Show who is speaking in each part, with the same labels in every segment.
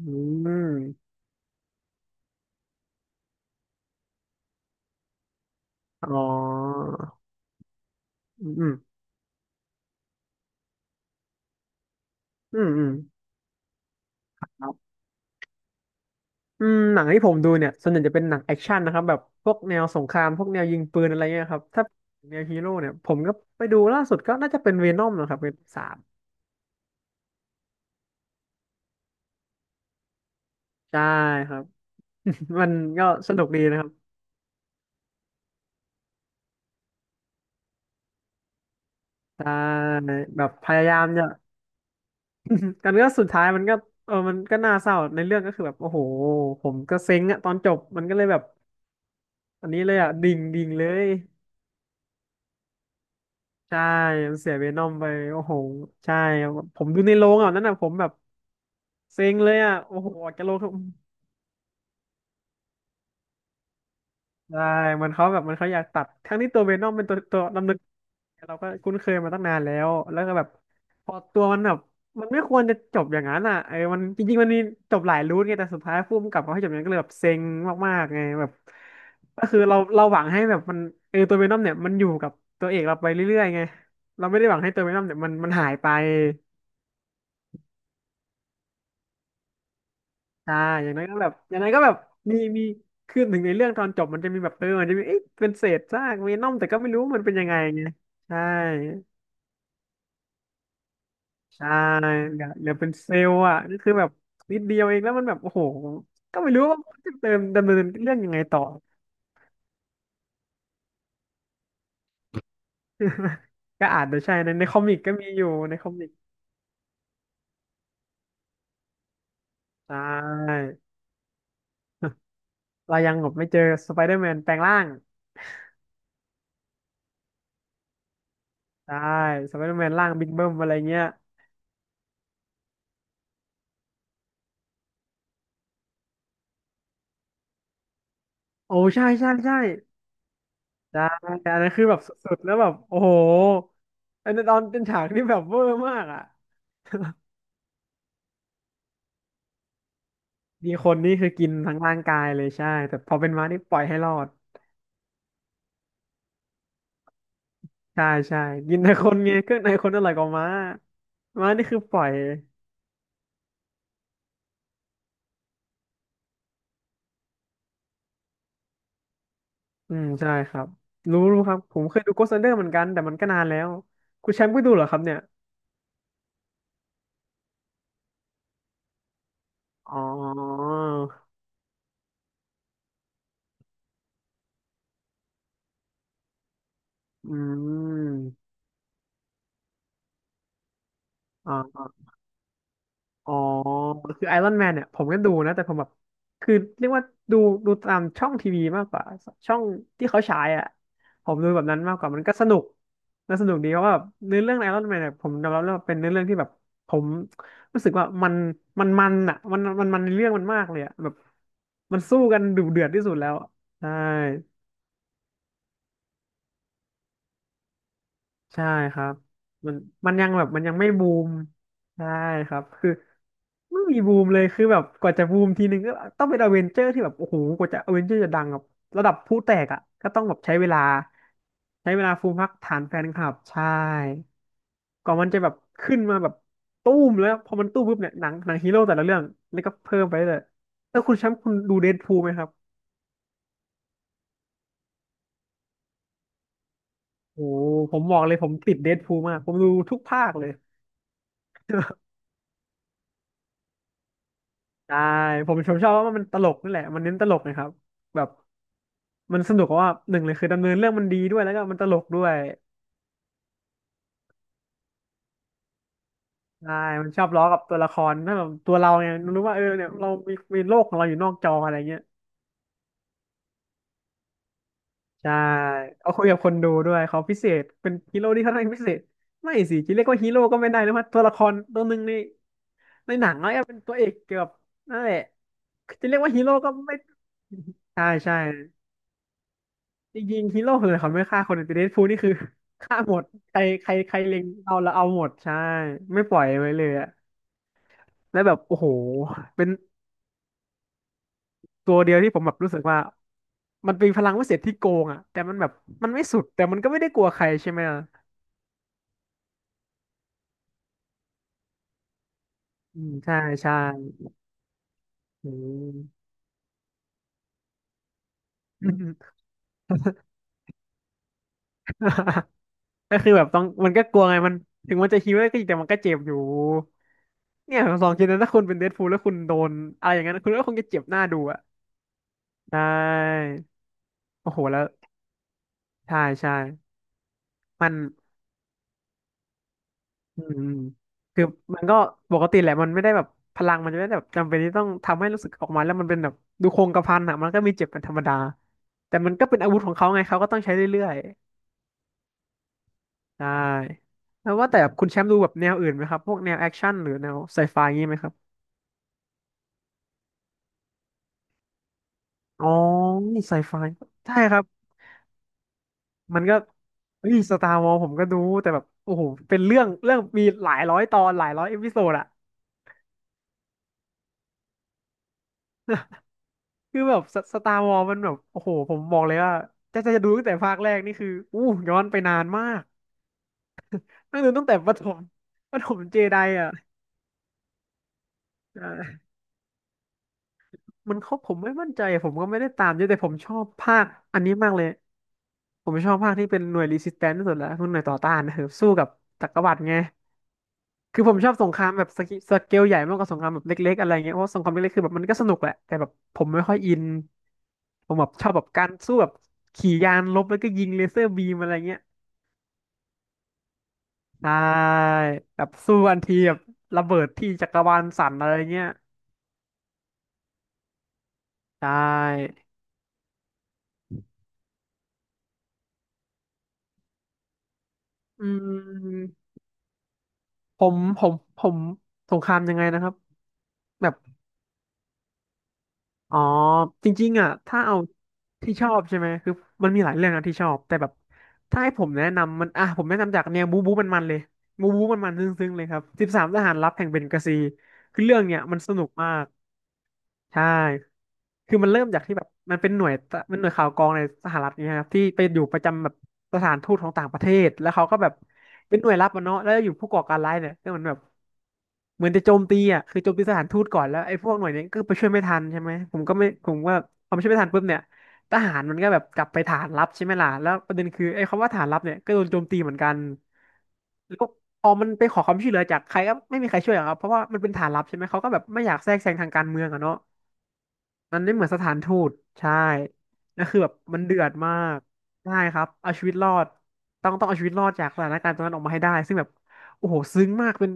Speaker 1: อืมอ๋ออืม อืม อืมครับหนังที่ผมดูเนี่ยส่วนใหญ่จะเป็นหนังแอคชั่นนะครับแบบพวกแนวสงครามพวกแนวยิงปืนอะไรเงี้ยครับถ้าแนวฮีโร่เนี่ยผมก็ไปดูล่าสุดก็น่าจะเป็นเวนอมนะครับเป็นสามใช่ครับ มันก็สนุกดีนะครับใช่แบบพยายามจะกันก็สุดท้ายมันก็เออมันก็น่าเศร้าในเรื่องก็คือแบบโอ้โหผมก็เซ็งอะตอนจบมันก็เลยแบบอันนี้เลยอะดิ่งดิ่งเลย ใช่เสียเวนอมไปโอ้โหใช่ผมดูในโรงอ่ะนั่นน่ะผมแบบเซ็งเลยอ่ะโอ้โหออกจากโรงเขาใช่มันเขาแบบมันเขาอยากตัดทั้งที่ตัวเวนอมเป็นตัวดำเนินเราก็คุ้นเคยมาตั้งนานแล้วแล้วก็แบบพอตัวมันแบบมันไม่ควรจะจบอย่างนั้นอ่ะเออมันจริงๆมันมีจบหลายรูทไงแต่สุดท้ายผู้กำกับเขาให้จบอย่างนั้นก็เลยแบบเซ็งมากๆไงแบบก็คือเราหวังให้แบบมันเออตัวเวนอมเนี่ยมันอยู่กับตัวเอกเราไปเรื่อยๆไงเราไม่ได้หวังให้ตัวเวนอมเนี่ยมันหายไป ใช่ อย่างนั้นก็แบบอย่างนั้นก็แบบมีคือถึงในเรื่องตอนจบมันจะมีแบบเออมันจะมีเอ๊ะเป็นเศษซากเวนอมแต่ก็ไม่รู้มันเป็นยังไงไงใช่ใช่เเหลือเป็นเซลล์อ่ะก็คือแบบนิดเดียวเองแล้วมันแบบโอ้โหก็ไม่รู้ว่าจะเติมดำเนินเรื่องยังไงต่อ ก็อาจจะใช่ในคอมิกก็มีอยู่ในคอมิกใช่ เรายังแบบไม่เจอสไปเดอร์แมนแปลงร่างใช่สไปเดอร์แมนร่างบิ๊กเบิ้มอะไรเงี้ยโอ้ใช่ใช่ใช่ ได้อันนั้นคือแบบสุดๆแล้วแบบโอ้โหอันนั้นตอนเป็นฉากที่แบบเวอร์มากอ่ะมีคนนี่คือกินทั้งร่างกายเลยใช่แต่พอเป็นม้านี่ปล่อยให้รอด ใช่ใช่กินในคนไงเครื่องในคนอร่อยกว่าม้าม้านี่คือปล่อยอืมใช่ครับ รู้รู้ครับ ผมเคยดู Ghost Rider เหมือนกันแต่มันก็นานแล้ว คุณแชมป์ก็ดูเหรอครับเนี่ย อ๋ออืมอ๋อ อ๋อคือไอรอนแมนเนี่ยผมก็ดูนะแต่ผมแบบคือเรียกว่าดูดูตามช่องทีวีมากกว่าช่องที่เขาฉายอ่ะผมดูแบบนั้นมากกว่ามันก็สนุกน่าสนุกดีเพราะว่าแบบเนื้อเรื่องไอรอนแมนเนี่ยผมยอมรับเลยว่าเป็นเนื้อเรื่องที่แบบผมรู้สึกว่ามันอ่ะมันในเรื่องมันมากเลยอ่ะแบบมันสู้กันดุเดือดที่สุดแล้วอะใช่ ใช่ครับมันมันยังแบบมันยังไม่บูมใช่ครับคือไม่มีบูมเลยคือแบบกว่าจะบูมทีนึงก็ต้องเป็นอเวนเจอร์ที่แบบโอ้โหกว่าจะอเวนเจอร์จะดังแบบระดับผู้แตกอ่ะก็ต้องแบบใช้เวลาใช้เวลาฟูมพักฐานแฟนคลับใช่กว่ามันจะแบบขึ้นมาแบบตู้มแล้วพอมันตู้มปุ๊บเนี่ยหนังฮีโร่แต่ละเรื่องนี่ก็เพิ่มไปเลยๆแล้วคุณแชมป์คุณดูเดดพูลไหมครับโอ้โหผมบอกเลยผมติดเดดพูลมากผมดูทุกภาคเลย ใช่ผมชอบว่ามันตลกนี่แหละมันเน้นตลกนะครับแบบมันสนุกเพราะว่าหนึ่งเลยคือดำเนินเรื่องมันดีด้วยแล้วก็มันตลกด้วยใช่มันชอบล้อกับตัวละครถ้าแบบตัวเราไงรู้ว่าเออเนี่ยเรามีมีโลกของเราอยู่นอกจออะไรเงี้ยใช่เอาคุยกับคนดูด้วยเขาพิเศษเป็นฮีโร่ที่ค่อนข้างพิเศษไม่สิจะเรียกว่าฮีโร่ก็ไม่ได้นะว่าตัวละครตัวหนึ่งในหนังแล้วเป็นตัวเอกเกือบนั่นแหละจะเรียกว่าฮีโร่ก็ไม่ใช่ใช่ จริงๆฮีโร่คืออะไรเขาไม่ฆ่าคนแต่เดดพูลนี่คือ ฆ่าหมดใครใครใครเล็งเอาแล้วเอาหมดใช่ไม่ปล่อยไว้เลยอะแล้วแบบโอ้โหเป็นตัวเดียวที่ผมแบบรู้สึกว่ามันเป็นพลังวิเศษที่โกงอะแต่มันแบบมันไม่สุดแต่มันก็ไม่ได้กลัวใครใช่ไหมล่ะอืมใช่ใช่อืม ก็คือแบบต้องมันก็กลัวไงมันถึงมันจะฮีโร่ก็จริงแต่มันก็เจ็บอยู่เนี่ยผมลองคิดนะถ้าคุณเป็นเดดพูลแล้วคุณโดนอะไรอย่างนั้นคุณก็คงจะเจ็บหน้าดูอะใช่โอ้โหแล้ว ใช่มันอืมคือมันก็ปกติแหละมันไม่ได้แบบพลังมันจะไม่ได้แบบจำเป็นที่ต้องทำให้รู้สึกออกมาแล้วมันเป็นแบบดูโครงกระพันอะมันก็มีเจ็บเป็นธรรมดา แต่มันก็เป็นอาวุธของเขาไงเขาก็ต้องใช้เรื่อยๆใช่แล้วว่าแต่คุณแชมป์ดูแบบแนวอื่นไหมครับ พวกแนวแอคชั่นหรือแนวไซไฟงี้ไหมครับ อ๋อ นี่ไซไฟใช่ครับ มันก็เฮ้ยสตาร์วอลผมก็ดูแต่แบบโอ้โหเป็นเรื่องมีหลายร้อยตอนหลายร้อยเอพิโซดอะ คือแบบสตาร์วอลมันแบบโอ้โหผมบอกเลยว่าจะดูตั้งแต่ภาคแรกนี่คืออู้ย้อนไปนานมากนั่งแต่ตั้งแต่ประถม ประถมเจไดอ่ะอ่มันเขาผมไม่มั่นใจอะผมก็ไม่ได้ตามเยอะแต่ผมชอบภาคอันนี้มากเลยผมชอบภาคที่เป็นหน่วยรีสิสแตนซ์ที่สุดแล้วคือหน่วยต่อต้านนะครับสู้กับจักรวรรดิไงคือผมชอบสงครามแบบสเกลใหญ่มากกว่าสงครามแบบเล็กๆอะไรเงี้ยเพราะสงครามเล็กๆคือแบบมันก็สนุกแหละแต่แบบผมไม่ค่อยอินผมแบบชอบแบบการสู้แบบขี่ยานรบแล้วก็ยิงเลเซอร์บีมอะไรเงี้ย ใช่แบบสู้กันทีแบบระเบิดที่จักรวาลสั่นอะไรเงี้ยใช่อืมผมผมผมสงครามยังไงนะครับแบบอ๋อจริงๆอ่ะถ้าเอาที่ชอบใช่ไหมคือมันมีหลายเรื่องนะที่ชอบแต่แบบถ้าให้ผมแนะนำมันอ่ะผมแนะนำจากแนวบู๊บู๊มันๆเลยบู๊บู๊มันๆซึ้งๆเลยครับ13ทหารลับแห่งเบงกาซีคือเรื่องเนี้ยมันสนุกมากใช่ คือมันเริ่มจากที่แบบมันเป็นหน่วยตะมันหน่วยข่าวกรองในสหรัฐเนี่ยครับที่ไปอยู่ประจำแบบสถานทูตของต่างประเทศแล้วเขาก็แบบเป็นหน่วยลับมันเนาะแล้วอยู่ผู้ก่อการร้ายเนี่ยก็เหมือนแบบเหมือนจะโจมตีอ่ะคือโจมตีสถานทูตก่อนแล้วไอ้พวกหน่วยเนี้ก็ไปช่วยไม่ทันใช่ไหมผมก็ไม่ผมว่าพอไม่ช่วยไม่ทันปุ๊บเนี่ยทหารมันก็แบบกลับไปฐานลับใช่ไหมล่ะแล้วประเด็นคือไอ้คำว่าฐานลับเนี่ยก็โดนโจมตีเหมือนกันแล้วพอมันไปขอความช่วยเหลือจากใครก็ไม่มีใครช่วยหรอกครับเพราะว่ามันเป็นฐานลับใช่ไหมเขาก็แบบไม่อยากแทรกแซงทางการเมืองอะเนาะ มันไม่เหมือนสถานทูตใช่นล่วคือแบบมันเดือดมากใช่ครับเอาชีวิตรอดต้องเอาชีวิตรอดจากสถานการณ์ตรงนั้นออกมาให้ได้ซึ่งแบบโอ้โหซึ้งมากเป็น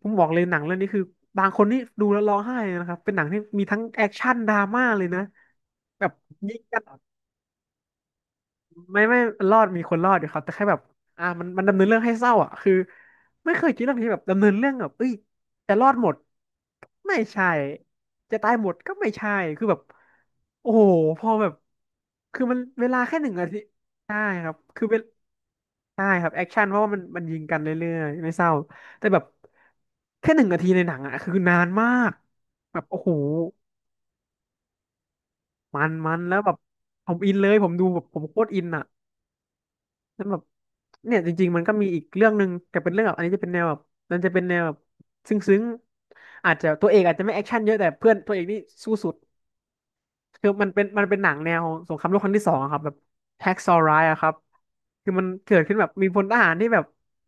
Speaker 1: ผมบอกเลยหนังเรื่องนี้คือบางคนนี่ดูแล้วร้องไห้เลยนะครับเป็นหนังที่มีทั้งแอคชั่นดราม่าเลยนะแบบยิงกันไม่รอดมีคนรอดอยู่ครับแต่แค่แบบอ่ามันดำเนินเรื่องให้เศร้าอ่ะคือไม่เคยคิดเรื่องนี้แบบดำเนินเรื่องแบบเอ้ยจะรอดหมดไม่ใช่จะตายหมดก็ไม่ใช่คือแบบ โอ้โหพอแบบคือมันเวลาแค่หนึ่งนาทีใช่ครับคือเป็นใช่ครับแอคชั่นเพราะว่ามันยิงกันเรื่อยๆไม่เศร้าแต่แบบแค่หนึ่งนาทีในหนังอะคือนานมากแบบโอ้โหมันแล้วแบบผมอินเลยผมดูแบบผมโคตรอินอะนั้นแบบเนี่ยจริงๆมันก็มีอีกเรื่องหนึ่งแต่เป็นเรื่องแบบอันนี้จะเป็นแนวแบบมันจะเป็นแนวแบบซึ้งๆอาจจะตัวเอกอาจจะไม่แอคชั่นเยอะแต่เพื่อนตัวเอกนี่สู้สุด คือมันเป็นหนังแนวสงครามโลกครั้งที่2อะครับแบบแฮกซอ์ไรอะครับคือมันเกิดขึ้นแบบมีพลทหารที่แบบ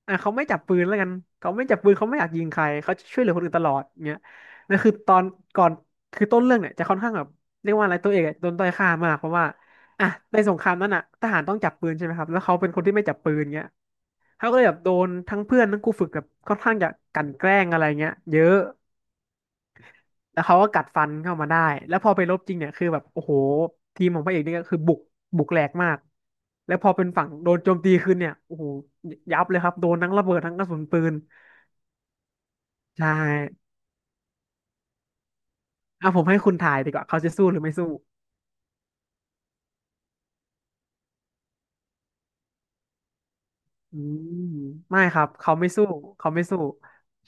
Speaker 1: อ่ะเขาไม่จับปืนแล้วกันเขาไม่จับปืนเขาไม่อยากยิงใครเขาจะช่วยเหลือคนอื่นตลอดเงี้ยนั่นคือตอนก่อนคือต้นเรื่องเนี่ยจะค่อนข้างแบบเรียกว่าอะไรตัวเอกอะโดนต้อยค่ามากเพราะว่าอ่ะในสงครามนั้นอ่ะทหารต้องจับปืนใช่ไหมครับแล้วเขาเป็นคนที่ไม่จับปืนเงี้ยเขาก็เลยแบบโดนทั้งเพื่อนทั้งครูฝึกแบบค่อนข้างจะกลั่นแกล้งอะไรเงี้ยเยอะ แล้วเขาก็กัดฟันเข้ามาได้ แล้วพอไปรบจริงเนี่ยคือแบบโอ้โหทีมของพระเอกนี่ก็คือบุกแหลกมาก แล้วพอเป็นฝั่งโดนโจมตีขึ้นเนี่ยโอ้โหยับเลยครับโดนทั้งระเบิดทั้งกระสุนปืนใช่อ่ะผมให้คุณทายดีกว่าเขาจะสู้หรือไม่สู้ อืมไม่ครับเขาไม่สู้เขาไม่สู้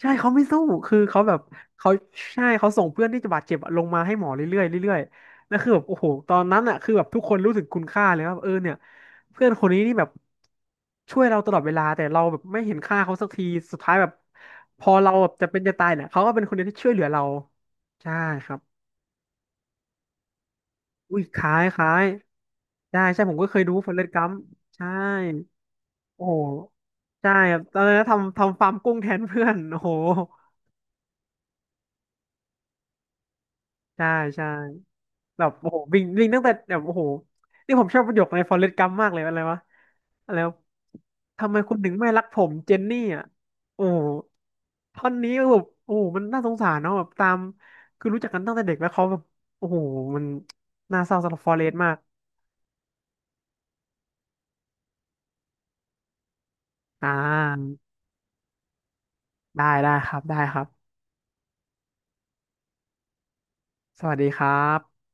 Speaker 1: ใช่เขาไม่สู้คือเขาแบบเขาใช่เขาส่งเพื่อนที่จะบาดเจ็บอะลงมาให้หมอเรื่อยๆเรื่อยๆแล้วคือแบบโอ้โหตอนนั้นอ่ะคือแบบทุกคนรู้ถึงคุณค่าเลยว่าเออเนี่ยเพื่อนคนนี้นี่แบบช่วยเราตลอดเวลาแต่เราแบบไม่เห็นค่าเขาสักทีสุดท้ายแบบพอเราแบบจะเป็นจะตายเนี่ยเขาก็เป็นคนเดียวที่ช่วยเหลือเราใช่ครับอุ้ยคล้ายใช่ใช่ผมก็เคยดูฟอเรสต์กัมใช่ โอ้โหใช่ครับตอนนั้นทำฟาร์มกุ้งแทนเพื่อน โอ้โหใช่ใช่แบบโอ้โหวิ่งวิ่งตั้งแต่แบบโอ้โหนี่ผมชอบประโยคในฟอเรสต์กัมมากเลยอะไรวะอะไรวะทำไมคุณถึงไม่รักผมเจนนี่อ่ะโอ้โหท่อนนี้แบบโอ้โหมันน่าสงสารเนาะแบบตามคือรู้จักกันตั้งแต่เด็กแล้วเขาแบบโอ้โหมันน่าเศร้าสำหรับฟอเรสต์มากอ่าได้ได้ครับได้ครับสวัสดีครับ